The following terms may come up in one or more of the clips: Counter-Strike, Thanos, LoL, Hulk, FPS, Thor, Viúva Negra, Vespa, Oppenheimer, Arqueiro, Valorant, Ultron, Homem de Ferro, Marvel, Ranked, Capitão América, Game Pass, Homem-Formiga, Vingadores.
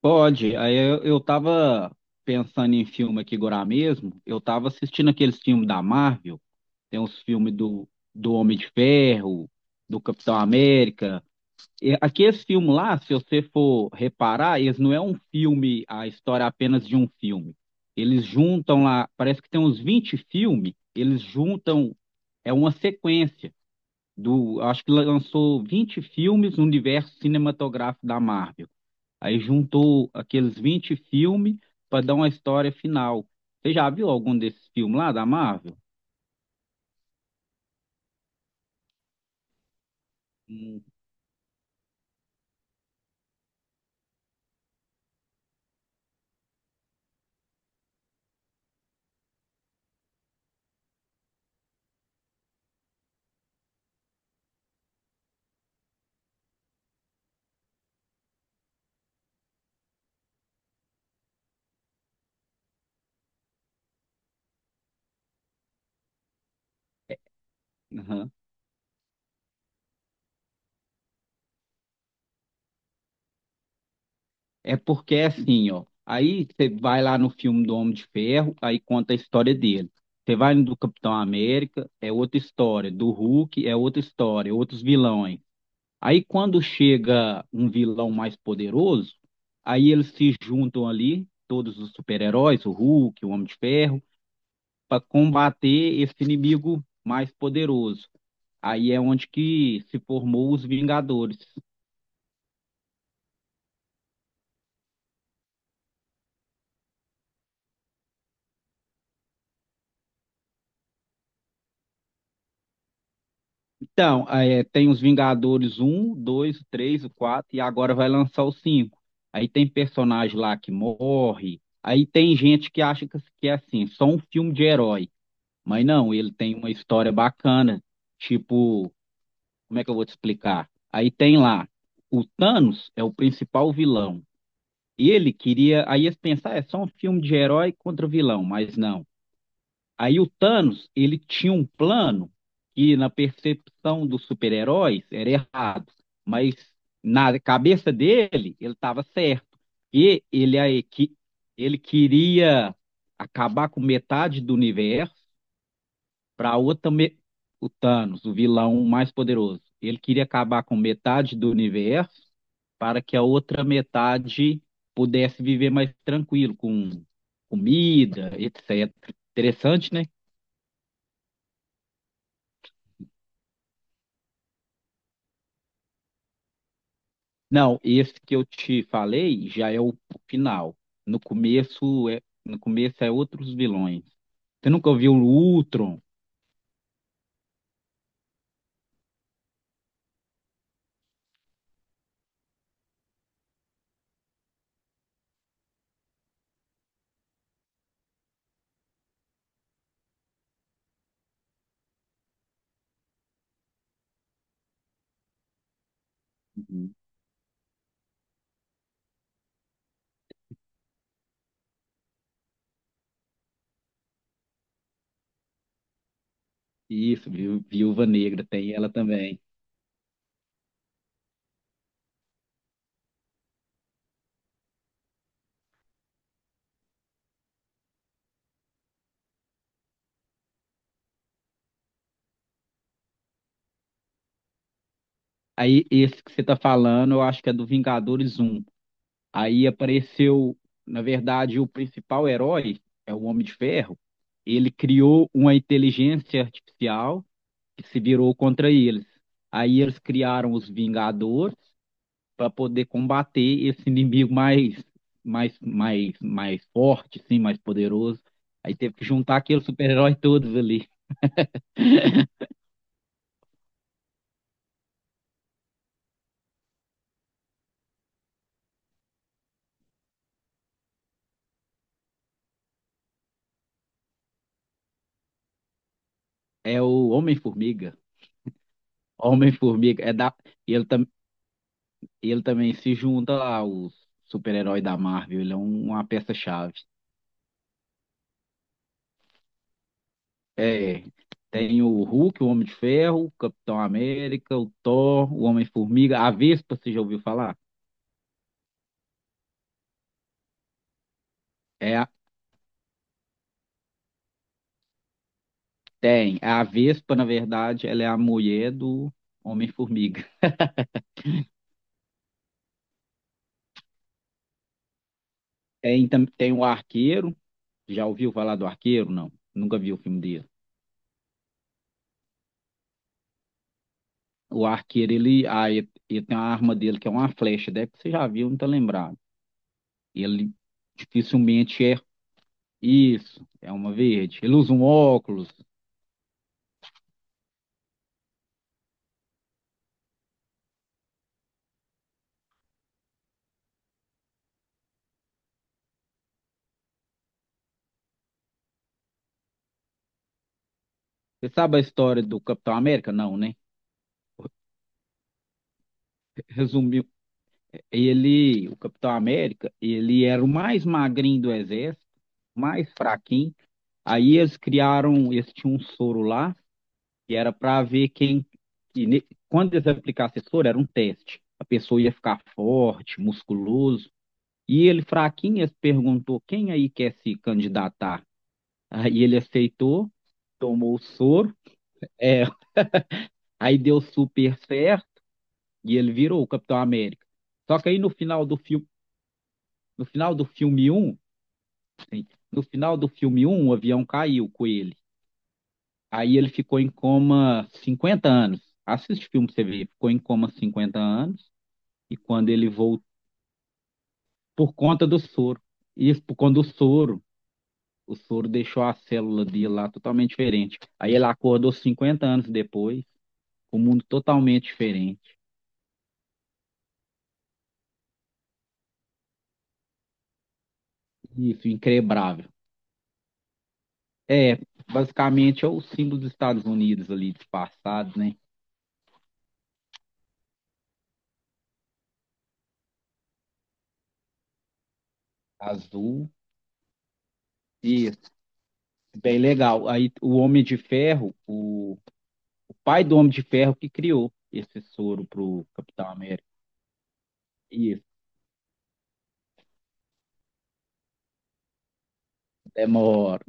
Pode. Aí eu tava pensando em filme aqui agora mesmo. Eu tava assistindo aqueles filmes da Marvel. Tem uns filmes do Homem de Ferro, do Capitão América. E aqueles filmes lá, se você for reparar, eles não é um filme, a história é apenas de um filme. Eles juntam lá, parece que tem uns 20 filmes, eles juntam, é uma sequência acho que lançou 20 filmes no universo cinematográfico da Marvel. Aí juntou aqueles 20 filmes para dar uma história final. Você já viu algum desses filmes lá da Marvel? Hum, aham. É porque é assim, ó. Aí você vai lá no filme do Homem de Ferro, aí conta a história dele. Você vai no do Capitão América, é outra história. Do Hulk, é outra história, é outros vilões. Aí quando chega um vilão mais poderoso, aí eles se juntam ali, todos os super-heróis, o Hulk, o Homem de Ferro para combater esse inimigo mais poderoso. Aí é onde que se formou os Vingadores. Então, é, tem os Vingadores um, 2, 3, 4 e agora vai lançar o 5. Aí tem personagem lá que morre. Aí tem gente que acha que é assim, só um filme de herói. Mas não, ele tem uma história bacana. Tipo, como é que eu vou te explicar? Aí tem lá, o Thanos é o principal vilão. Ele queria, aí eles pensaram, é só um filme de herói contra vilão, mas não. Aí o Thanos, ele tinha um plano que na percepção dos super-heróis era errado, mas na cabeça dele, ele estava certo. E ele queria acabar com metade do universo. Para Otame... o Thanos, o vilão mais poderoso. Ele queria acabar com metade do universo para que a outra metade pudesse viver mais tranquilo, com comida, etc. Interessante, né? Não, esse que eu te falei já é o final. No começo é outros vilões. Você nunca ouviu o Ultron? Uhum. Isso, viu? Viúva Negra tem ela também. Aí esse que você tá falando, eu acho que é do Vingadores um. Aí apareceu, na verdade, o principal herói, é o Homem de Ferro. Ele criou uma inteligência artificial que se virou contra eles. Aí eles criaram os Vingadores para poder combater esse inimigo mais forte, sim, mais poderoso. Aí teve que juntar aqueles super-heróis todos ali. É o Homem-Formiga. Homem-Formiga, ele, tam... ele também se junta lá aos super-heróis da Marvel, ele é uma peça-chave. É, tem o Hulk, o Homem de Ferro, o Capitão América, o Thor, o Homem-Formiga, a Vespa, você já ouviu falar? É, tem. A Vespa, na verdade, ela é a mulher do Homem-Formiga. Tem o Arqueiro, já ouviu falar do Arqueiro? Não, nunca viu o filme dele. O Arqueiro, ele tem uma arma dele que é uma flecha, deve que você já viu, não tá lembrado. Ele dificilmente é isso, é uma verde. Ele usa um óculos. Você sabe a história do Capitão América? Não, né? Resumiu ele, o Capitão América, ele era o mais magrinho do exército, mais fraquinho. Aí eles criaram, eles tinham um soro lá, que era para ver quem, quando eles aplicassem esse soro, era um teste. A pessoa ia ficar forte, musculoso. E ele, fraquinho, eles perguntou quem aí quer se candidatar. Aí ele aceitou, tomou o soro, é, aí deu super certo e ele virou o Capitão América. Só que aí no final do filme, no final do filme um No final do filme um, o avião caiu com ele. Aí ele ficou em coma 50 anos. Assiste o filme pra você ver. Ficou em coma 50 anos. E quando ele voltou, por conta do soro. Isso por conta do soro. O soro deixou a célula dele lá totalmente diferente. Aí ele acordou 50 anos depois, com o mundo totalmente diferente. Isso, increbrável. É, basicamente é o símbolo dos Estados Unidos ali, disfarçado, né? Azul. Isso, bem legal. Aí o Homem de Ferro, o pai do Homem de Ferro que criou esse soro pro Capitão América. Isso, demora.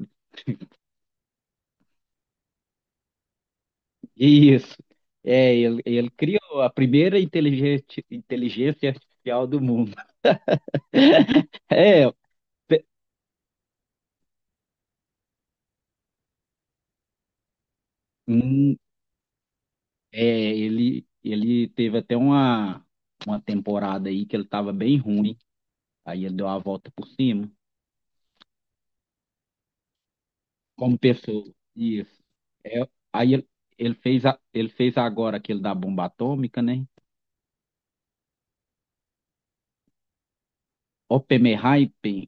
Isso. É, ele criou a primeira inteligência artificial do mundo. É, pe- hum, é ele teve até uma temporada aí que ele estava bem ruim. Aí ele deu a volta por cima. Como pessoa. Isso. É, aí ele fez agora aquele da bomba atômica, né? Oppenheimer.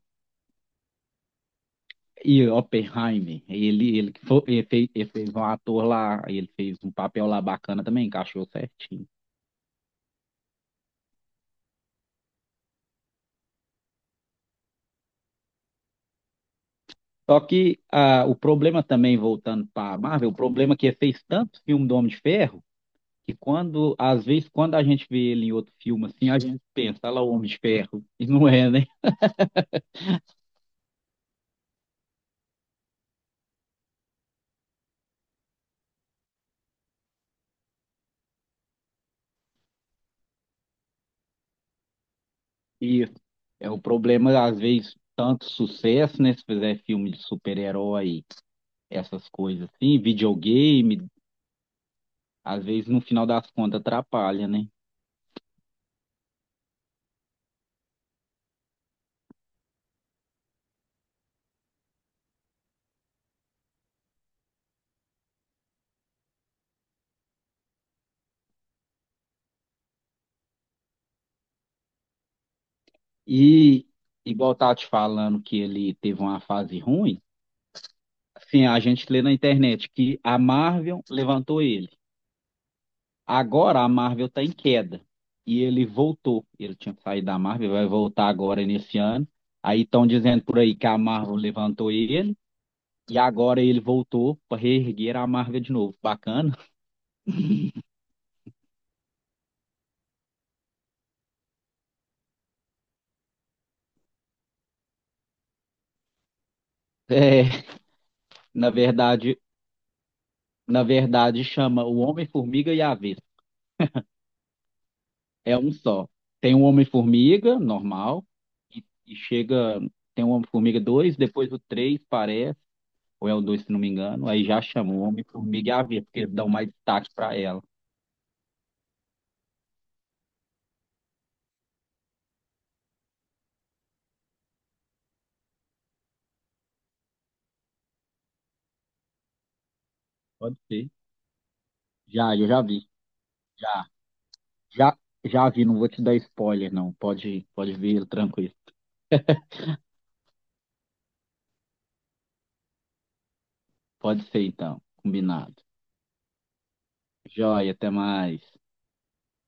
E Oppenheimer, ele, que foi, ele fez um papel lá bacana também, encaixou certinho. Só que o problema também, voltando para Marvel, o problema é que ele fez tanto filme do Homem de Ferro, que quando, às vezes, quando a gente vê ele em outro filme assim, a gente pensa, olha lá o Homem de Ferro, e não é, né? Isso. É o problema, às vezes, tanto sucesso, né? Se fizer filme de super-herói, essas coisas assim, videogame, às vezes no final das contas atrapalha, né? E igual eu tava te falando que ele teve uma fase ruim, assim, a gente lê na internet que a Marvel levantou ele. Agora a Marvel está em queda e ele voltou. Ele tinha saído da Marvel, vai voltar agora nesse ano. Aí estão dizendo por aí que a Marvel levantou ele e agora ele voltou para reerguer a Marvel de novo. Bacana. É, na verdade, na verdade chama O Homem-Formiga e a Vespa. É um só. Tem um Homem-Formiga, normal, e chega. Tem um Homem-Formiga 2, depois o 3 parece, ou é o 2 se não me engano, aí já chamou o Homem-Formiga e a Vespa, porque eles dão mais destaque pra ela. Pode ser. Já, eu já vi. Já, já, já vi, não vou te dar spoiler, não. Pode, pode vir, tranquilo. Pode ser, então, combinado. Joia, até mais.